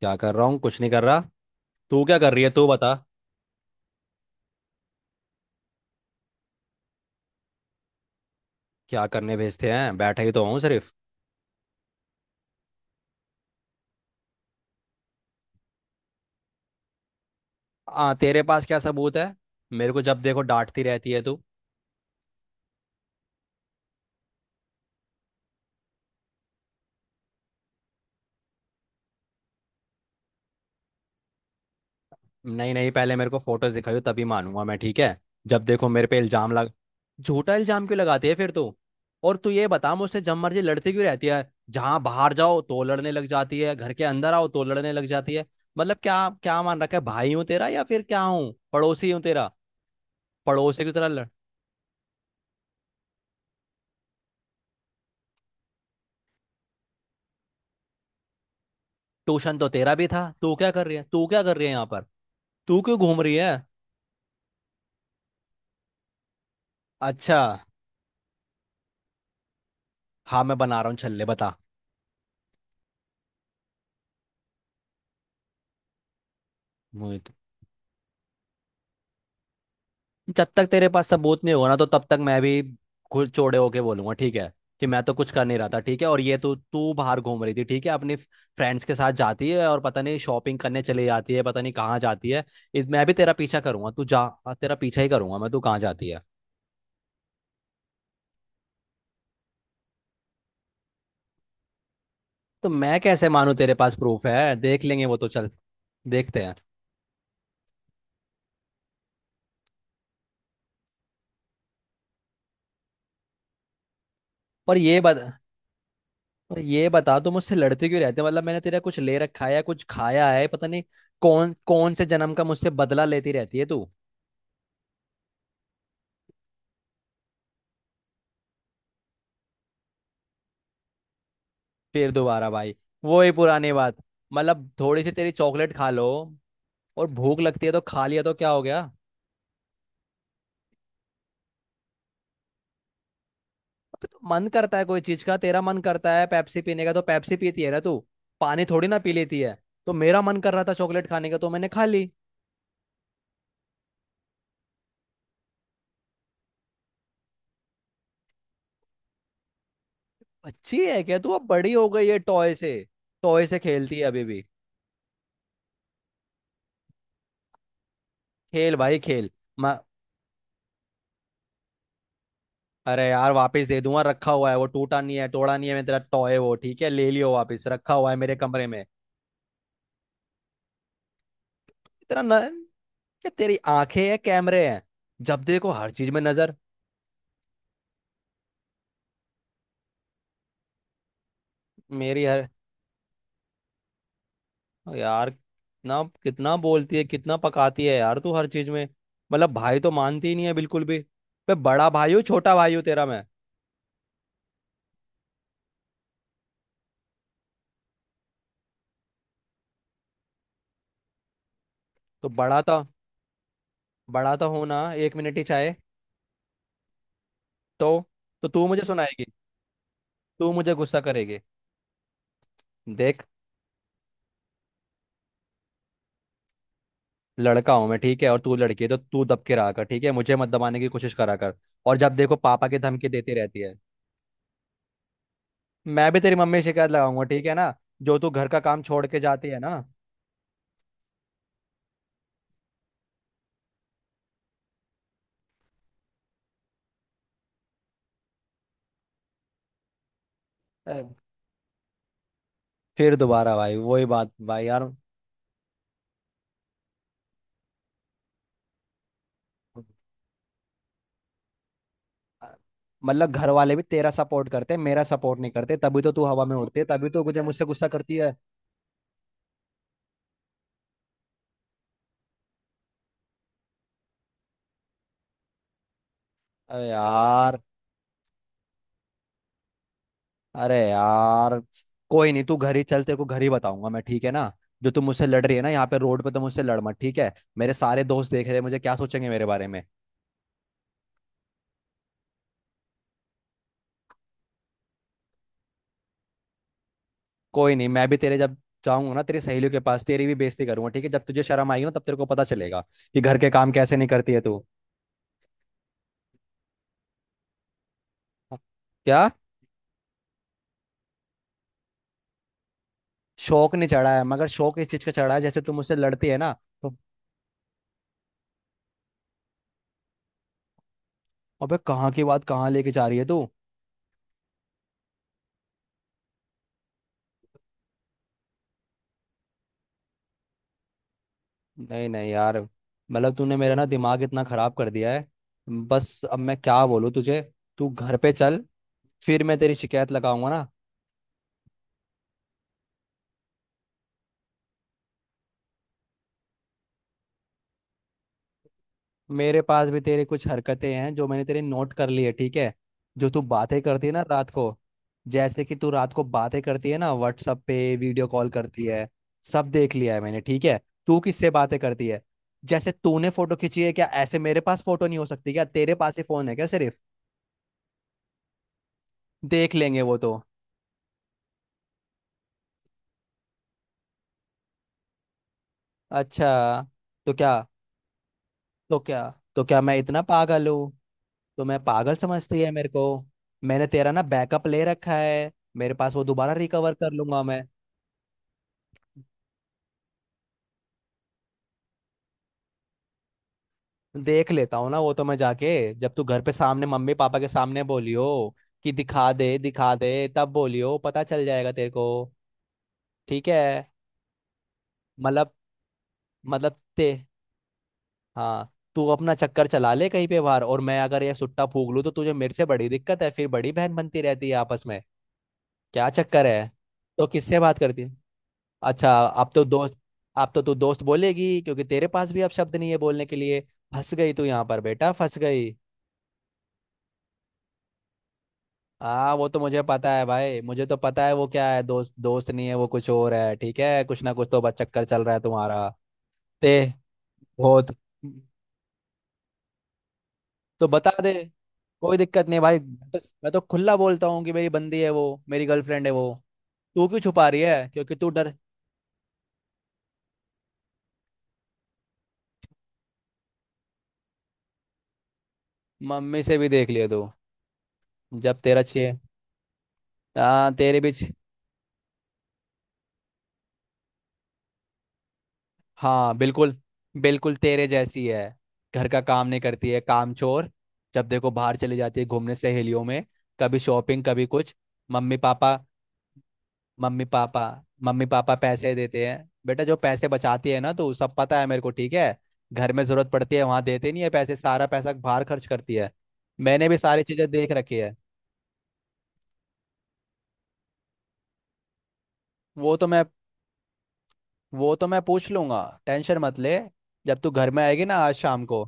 क्या कर रहा हूँ। कुछ नहीं कर रहा। तू क्या कर रही है? तू बता। क्या करने भेजते हैं? बैठा ही तो हूँ सिर्फ। आ तेरे पास क्या सबूत है? मेरे को जब देखो डांटती रहती है तू। नहीं नहीं, पहले मेरे को फोटोज दिखाइयो, तभी मानूंगा मैं, ठीक है? जब देखो मेरे पे इल्जाम लग। झूठा इल्जाम क्यों लगाती है फिर तू? और तू ये बता, मुझसे जब मर्जी लड़ती क्यों रहती है? जहाँ बाहर जाओ तो लड़ने लग जाती है, घर के अंदर आओ तो लड़ने लग जाती है। मतलब क्या क्या मान रखा है? भाई हूँ तेरा या फिर क्या हूँ, पड़ोसी हूँ तेरा? पड़ोसी की तरह लड़। ट्यूशन तो तेरा भी था। तू क्या कर रही है? तू क्या कर रही है यहाँ पर? तू क्यों घूम रही है? अच्छा। हाँ मैं बना रहा हूँ छल्ले, बता। मोहित, जब तक तेरे पास सबूत नहीं होगा ना, तो तब तक मैं भी खुद चौड़े होके बोलूंगा, ठीक है? कि मैं तो कुछ कर नहीं रहा था, ठीक है। और ये तू तू बाहर घूम रही थी, ठीक है? अपनी फ्रेंड्स के साथ जाती है और पता नहीं शॉपिंग करने चली जाती है, पता नहीं कहाँ जाती है। इस मैं भी तेरा पीछा करूंगा, तू जा। हाँ, तेरा पीछा ही करूंगा मैं, तू कहाँ जाती है। तो मैं कैसे मानूं तेरे पास प्रूफ है? देख लेंगे वो तो, चल। देखते हैं। और ये बता। और ये बता, तू मुझसे लड़ते क्यों रहते हैं? मतलब मैंने तेरा कुछ ले रखा है या कुछ खाया है, पता नहीं। कौन कौन से जन्म का मुझसे बदला लेती रहती है तू? फिर दोबारा भाई वो ही पुरानी बात। मतलब थोड़ी सी तेरी चॉकलेट खा लो और भूख लगती है तो खा लिया तो क्या हो गया? अबे तो मन करता है कोई चीज का, तेरा मन करता है पेप्सी पीने का तो पेप्सी पीती है ना तू? पानी थोड़ी ना पी लेती है। तो मेरा मन कर रहा था चॉकलेट खाने का तो मैंने खा ली। अच्छी है क्या तू? अब बड़ी हो गई है टॉय से। टॉय से खेलती है अभी भी? खेल भाई खेल। म- अरे यार वापस दे दूंगा, रखा हुआ है वो। टूटा नहीं है, तोड़ा नहीं है। मैं तेरा टॉय वो, ठीक है, ले लियो वापस, रखा हुआ है मेरे कमरे में। तेरा न, क्या तेरी आंखें हैं, कैमरे हैं? जब देखो हर चीज में नजर। मेरी हर। यार ना, कितना बोलती है, कितना पकाती है यार तू हर चीज में। मतलब भाई तो मानती ही नहीं है बिल्कुल भी। मैं बड़ा भाई हूँ, छोटा भाई हूँ तेरा मैं? तो बड़ा तो, बड़ा तो हूं ना, एक मिनट ही चाहे। तो तो तू मुझे सुनाएगी? तू मुझे गुस्सा करेगी? देख, लड़का हूं मैं, ठीक है, और तू लड़की है तो तू दब के रहा कर, ठीक है, मुझे मत दबाने की कोशिश करा कर। और जब देखो पापा की धमकी देती रहती है। मैं भी तेरी मम्मी से शिकायत लगाऊंगा, ठीक है ना? जो तू घर का काम छोड़ के जाती है ना। अ, फिर दोबारा भाई वही बात भाई यार। मतलब घर वाले भी तेरा सपोर्ट करते हैं, मेरा सपोर्ट नहीं करते, तभी तो तू हवा में उड़ती है, तभी तो मुझे मुझसे गुस्सा करती है। अरे यार। अरे यार कोई नहीं, तू घर ही चल, तेरे को घर ही बताऊंगा मैं, ठीक है ना? जो तू मुझसे लड़ रही है ना यहाँ पे रोड पे, तो मुझसे लड़ मत, ठीक है। मेरे सारे दोस्त देख रहे हैं, मुझे क्या सोचेंगे मेरे बारे में। कोई नहीं, मैं भी तेरे जब जाऊंगा ना तेरी सहेलियों के पास, तेरी भी बेइज्जती करूंगा, ठीक है? जब तुझे शर्म आएगी ना, तब तेरे को पता चलेगा कि घर के काम कैसे नहीं करती है तू। क्या? शौक नहीं चढ़ा है, मगर शौक इस चीज का चढ़ा है जैसे तू मुझसे लड़ती है ना। तो अबे कहाँ की बात कहाँ लेके जा रही है तू? नहीं नहीं यार, मतलब तूने मेरा ना दिमाग इतना खराब कर दिया है। बस अब मैं क्या बोलूँ तुझे। तू घर पे चल, फिर मैं तेरी शिकायत लगाऊंगा ना। मेरे पास भी तेरी कुछ हरकतें हैं जो मैंने तेरी नोट कर ली है, ठीक है? जो तू बातें करती है ना रात को। जैसे कि तू रात को बातें करती है ना, व्हाट्सअप पे वीडियो कॉल करती है। सब देख लिया है मैंने, ठीक है? तू किससे बातें करती है? जैसे तूने फोटो खींची है, क्या ऐसे मेरे पास फोटो नहीं हो सकती क्या? तेरे पास ही फोन है क्या सिर्फ? देख लेंगे वो तो। अच्छा। तो क्या तो क्या तो क्या मैं इतना पागल हूँ? तो मैं पागल समझती है मेरे को। मैंने तेरा ना बैकअप ले रखा है मेरे पास, वो दोबारा रिकवर कर लूंगा मैं। देख लेता हूँ ना वो तो मैं जाके। जब तू घर पे सामने मम्मी पापा के सामने बोलियो कि दिखा दे दिखा दे, तब बोलियो, पता चल जाएगा तेरे को। ठीक है। मतलब मतलब ते। हाँ तू अपना चक्कर चला ले कहीं पे बाहर, और मैं अगर ये सुट्टा फूक लूँ तो तुझे मेरे से बड़ी दिक्कत है, फिर बड़ी बहन बनती रहती है आपस में। क्या चक्कर है? तो किससे बात करती? अच्छा, अब तो दोस्त। अब तो तू दोस्त बोलेगी क्योंकि तेरे पास भी अब शब्द नहीं है बोलने के लिए। फंस गई तू यहाँ पर बेटा, फंस गई। हाँ वो तो मुझे पता है भाई, मुझे तो पता है वो क्या है। दोस्त दोस्त नहीं है वो, कुछ और है, ठीक है? कुछ ना कुछ तो बस चक्कर चल रहा है तुम्हारा। ते बहुत तो बता दे, कोई दिक्कत नहीं भाई। मैं तो खुला बोलता हूँ कि मेरी बंदी है वो, मेरी गर्लफ्रेंड है वो। तू क्यों छुपा रही है? क्योंकि तू डर। मम्मी से भी देख लिया तू। जब तेरा छे हाँ तेरे भी। हाँ बिल्कुल। बिल्कुल तेरे जैसी है। घर का काम नहीं करती है, काम चोर। जब देखो बाहर चली जाती है घूमने सहेलियों में, कभी शॉपिंग कभी कुछ। Mummy papa mummy papa mummy papa पैसे देते हैं। बेटा जो पैसे बचाती है ना, तो सब पता है मेरे को, ठीक है? घर में जरूरत पड़ती है, वहां देते नहीं है पैसे, सारा पैसा बाहर खर्च करती है। मैंने भी सारी चीजें देख रखी है। वो तो मैं वो तो मैं पूछ लूंगा, टेंशन मत ले। जब तू घर में आएगी ना आज शाम को,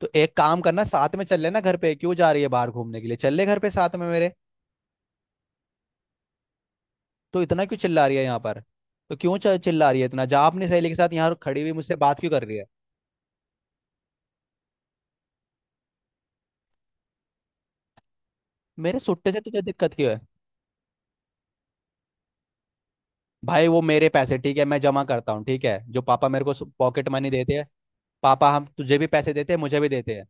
तो एक काम करना, साथ में चल लेना घर पे, क्यों जा रही है बाहर घूमने के लिए, चल ले घर पे साथ में मेरे। तो इतना क्यों चिल्ला रही है यहाँ पर? तो क्यों चिल्ला रही है इतना? जा अपनी सहेली के साथ। यहाँ खड़ी हुई मुझसे बात क्यों कर रही है? मेरे सुट्टे से तुझे दिक्कत क्यों है? भाई वो मेरे पैसे, ठीक है, मैं जमा करता हूँ, ठीक है, जो पापा मेरे को पॉकेट मनी देते हैं। पापा हम तुझे भी पैसे देते हैं, मुझे भी देते हैं।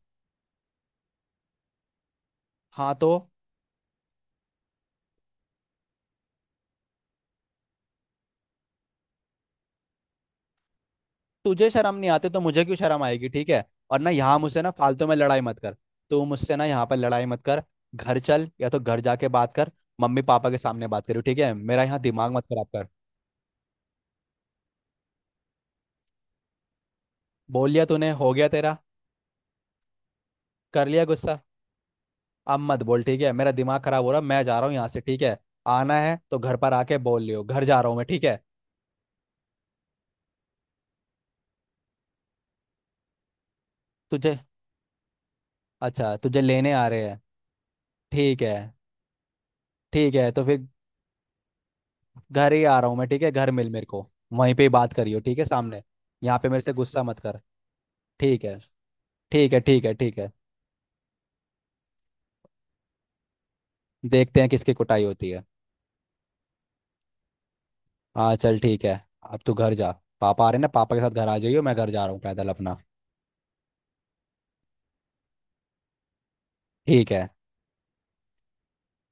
हाँ तो। तुझे शर्म नहीं आती तो मुझे क्यों शर्म आएगी, ठीक है। और ना यहाँ मुझसे ना फालतू में लड़ाई मत कर। तू मुझसे ना यहाँ पर लड़ाई मत कर। घर चल, या तो घर जाके बात कर, मम्मी पापा के सामने बात करो, ठीक है? मेरा यहाँ दिमाग मत खराब कर। बोल लिया तूने, हो गया तेरा? कर लिया गुस्सा? अब मत बोल, ठीक है, मेरा दिमाग खराब हो रहा। मैं जा रहा हूँ यहाँ से, ठीक है। आना है तो घर पर आके बोल लियो, घर जा रहा हूँ मैं, ठीक है। तुझे, अच्छा, तुझे लेने आ रहे हैं? ठीक है। ठीक है तो फिर घर ही आ रहा हूँ मैं, ठीक है, घर मिल मेरे को, वहीं पे ही बात करियो, ठीक है, सामने। यहाँ पे मेरे से गुस्सा मत कर। ठीक है। ठीक है। देखते हैं किसकी कुटाई होती है। हाँ चल ठीक है। अब तू घर जा, पापा आ रहे हैं ना, पापा के साथ घर आ जाइयो, मैं घर जा रहा हूँ पैदल अपना। ठीक है।